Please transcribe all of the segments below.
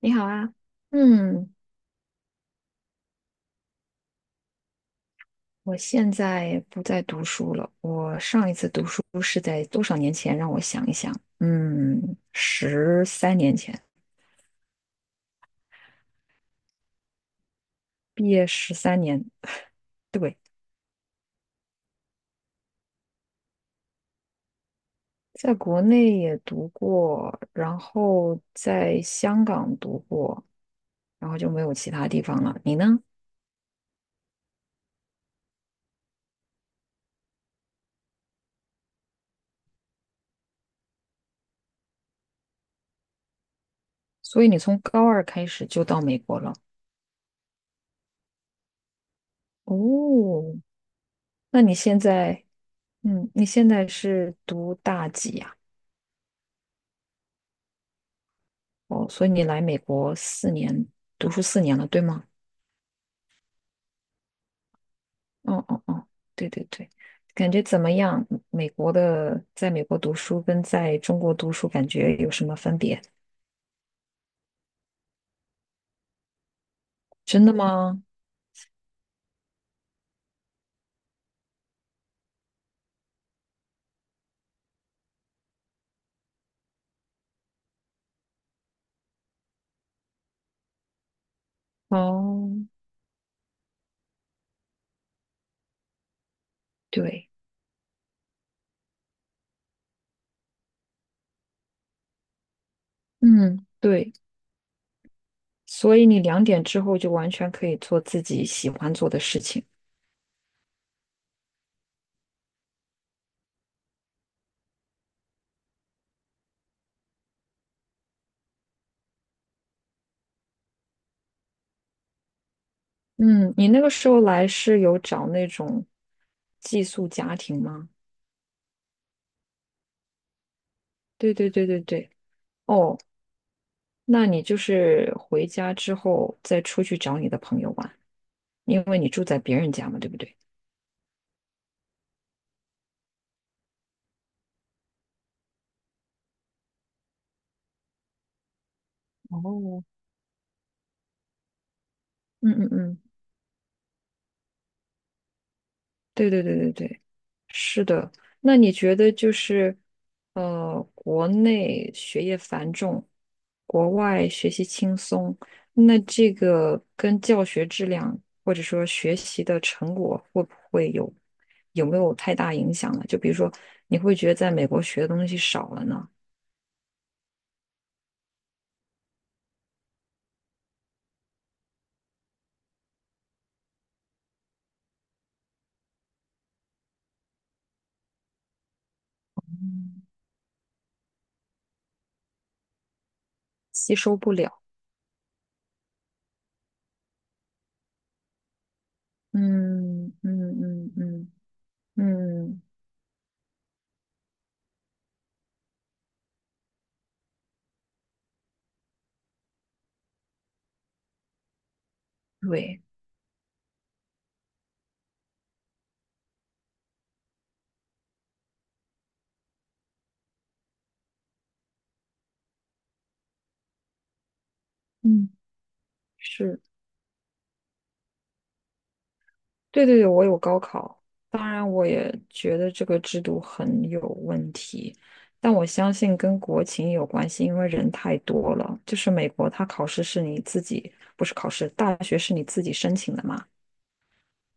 你好啊，嗯，我现在不再读书了。我上一次读书是在多少年前？让我想一想，嗯，十三年前，毕业十三年，对，在国内也读过，然后在香港读过，然后就没有其他地方了。你呢？所以你从高二开始就到美国了。哦，那你现在，嗯，你现在是读大几呀？哦，所以你来美国四年，读书四年了，对吗？哦哦哦，对对对，感觉怎么样？美国的，在美国读书跟在中国读书感觉有什么分别？真的吗？哦，对，嗯，对，所以你2点之后就完全可以做自己喜欢做的事情。嗯，你那个时候来是有找那种寄宿家庭吗？对对对对对。哦，那你就是回家之后再出去找你的朋友玩，因为你住在别人家嘛，对不对？哦，嗯嗯嗯，对对对对对，是的。那你觉得就是，国内学业繁重，国外学习轻松，那这个跟教学质量或者说学习的成果会不会有没有太大影响呢？就比如说，你会觉得在美国学的东西少了呢，吸收不了。嗯嗯嗯嗯嗯，对，嗯，是，对对对，我有高考，当然我也觉得这个制度很有问题，但我相信跟国情有关系，因为人太多了。就是美国，它考试是你自己，不是考试，大学是你自己申请的嘛。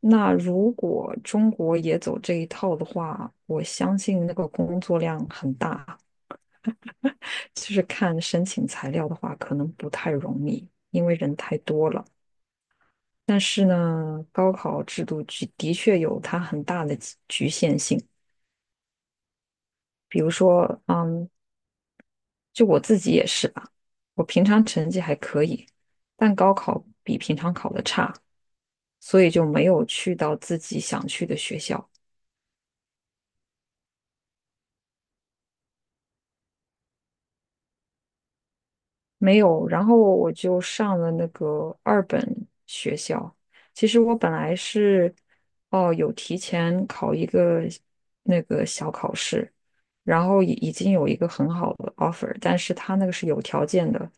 那如果中国也走这一套的话，我相信那个工作量很大，其实看申请材料的话，可能不太容易，因为人太多了。但是呢，高考制度的确有它很大的局限性。比如说，嗯，就我自己也是吧，我平常成绩还可以，但高考比平常考的差，所以就没有去到自己想去的学校。没有，然后我就上了那个二本学校。其实我本来是，哦，有提前考一个那个小考试，然后已经有一个很好的 offer，但是他那个是有条件的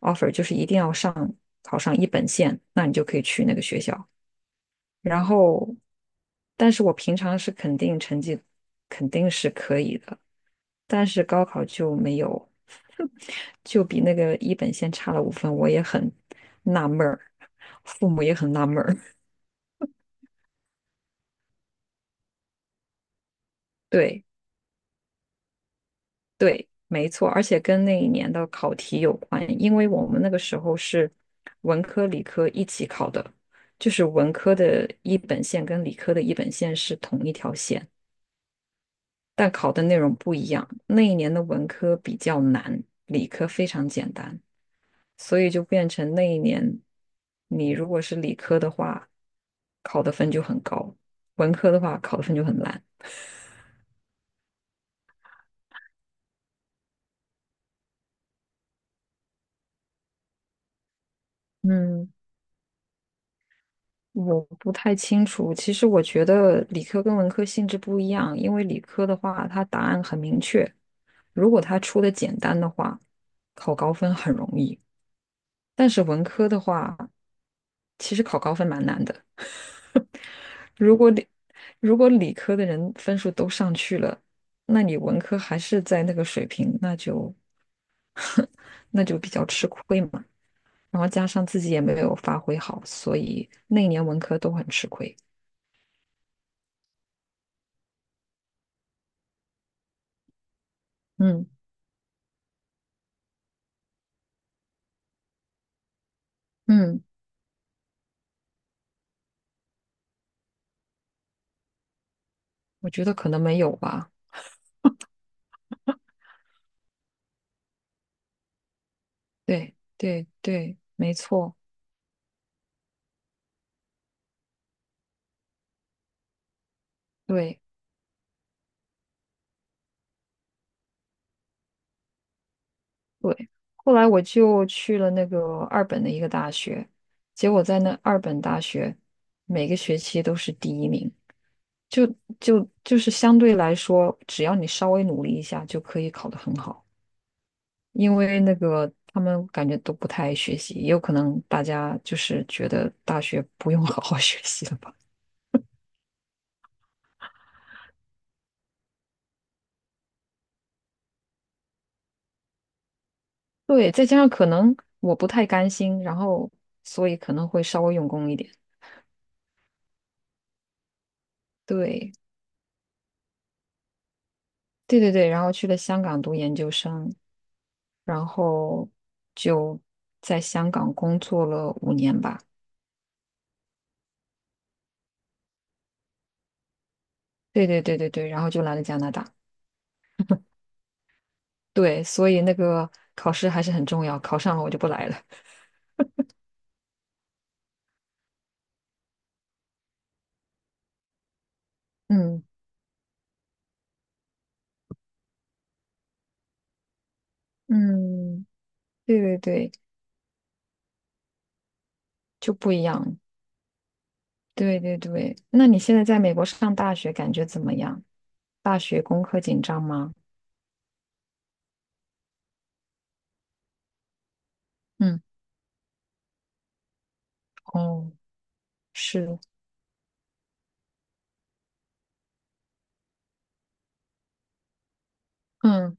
offer，就是一定要上考上一本线，那你就可以去那个学校。然后，但是我平常是肯定成绩肯定是可以的，但是高考就没有，就比那个一本线差了5分，我也很纳闷儿，父母也很纳闷儿。对对，没错，而且跟那一年的考题有关，因为我们那个时候是文科理科一起考的，就是文科的一本线跟理科的一本线是同一条线。但考的内容不一样。那一年的文科比较难，理科非常简单，所以就变成那一年你如果是理科的话，考的分就很高；文科的话，考的分就很烂。嗯，我不太清楚。其实我觉得理科跟文科性质不一样，因为理科的话，它答案很明确，如果它出的简单的话，考高分很容易。但是文科的话，其实考高分蛮难的。如果理如果理科的人分数都上去了，那你文科还是在那个水平，那就 那就比较吃亏嘛。然后加上自己也没有发挥好，所以那一年文科都很吃亏。嗯嗯，我觉得可能没有吧。对对对，没错，对。对，后来我就去了那个二本的一个大学，结果在那二本大学每个学期都是第一名，就就是相对来说，只要你稍微努力一下就可以考得很好，因为那个他们感觉都不太爱学习，也有可能大家就是觉得大学不用 好好学习了吧。对，再加上可能我不太甘心，然后所以可能会稍微用功一点。对，对对对，然后去了香港读研究生，然后就在香港工作了5年吧。对对对对对，然后就来了加拿大。对，所以那个考试还是很重要，考上了我就不来了。嗯嗯，对对对，就不一样。对对对，那你现在在美国上大学感觉怎么样？大学功课紧张吗？嗯，哦，是，嗯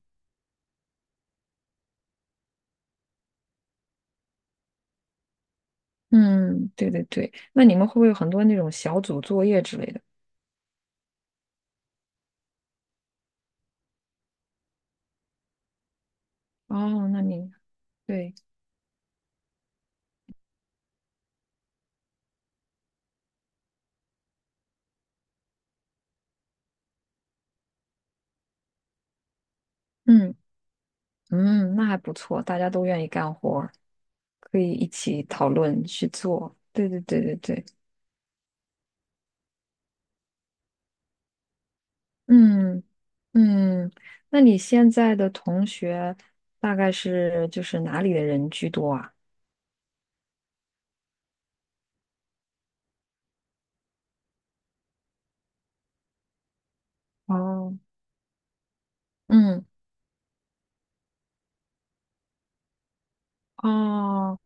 嗯，对对对，那你们会不会有很多那种小组作业之类的？哦，那你对，嗯。嗯，那还不错，大家都愿意干活儿，可以一起讨论去做。对对对对对，嗯嗯，那你现在的同学大概是就是哪里的人居多啊？哦，嗯哦，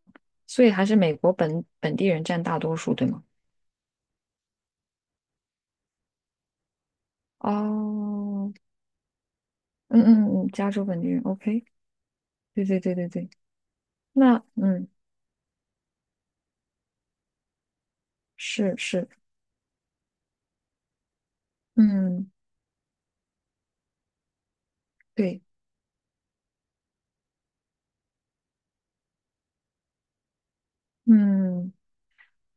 所以还是美国本地人占大多数，对吗？哦，嗯嗯嗯，加州本地人，OK，对对对对对，那嗯是是，嗯对，嗯。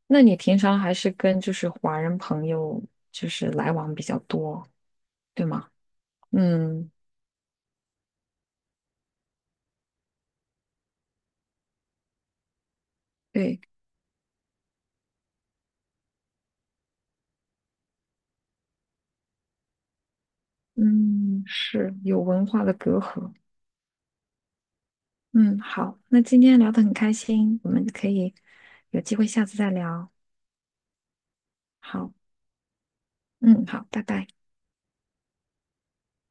那你平常还是跟就是华人朋友就是来往比较多，对吗？嗯，对，嗯，是有文化的隔阂。嗯，好，那今天聊得很开心，我们可以有机会下次再聊。好，嗯，好，拜拜。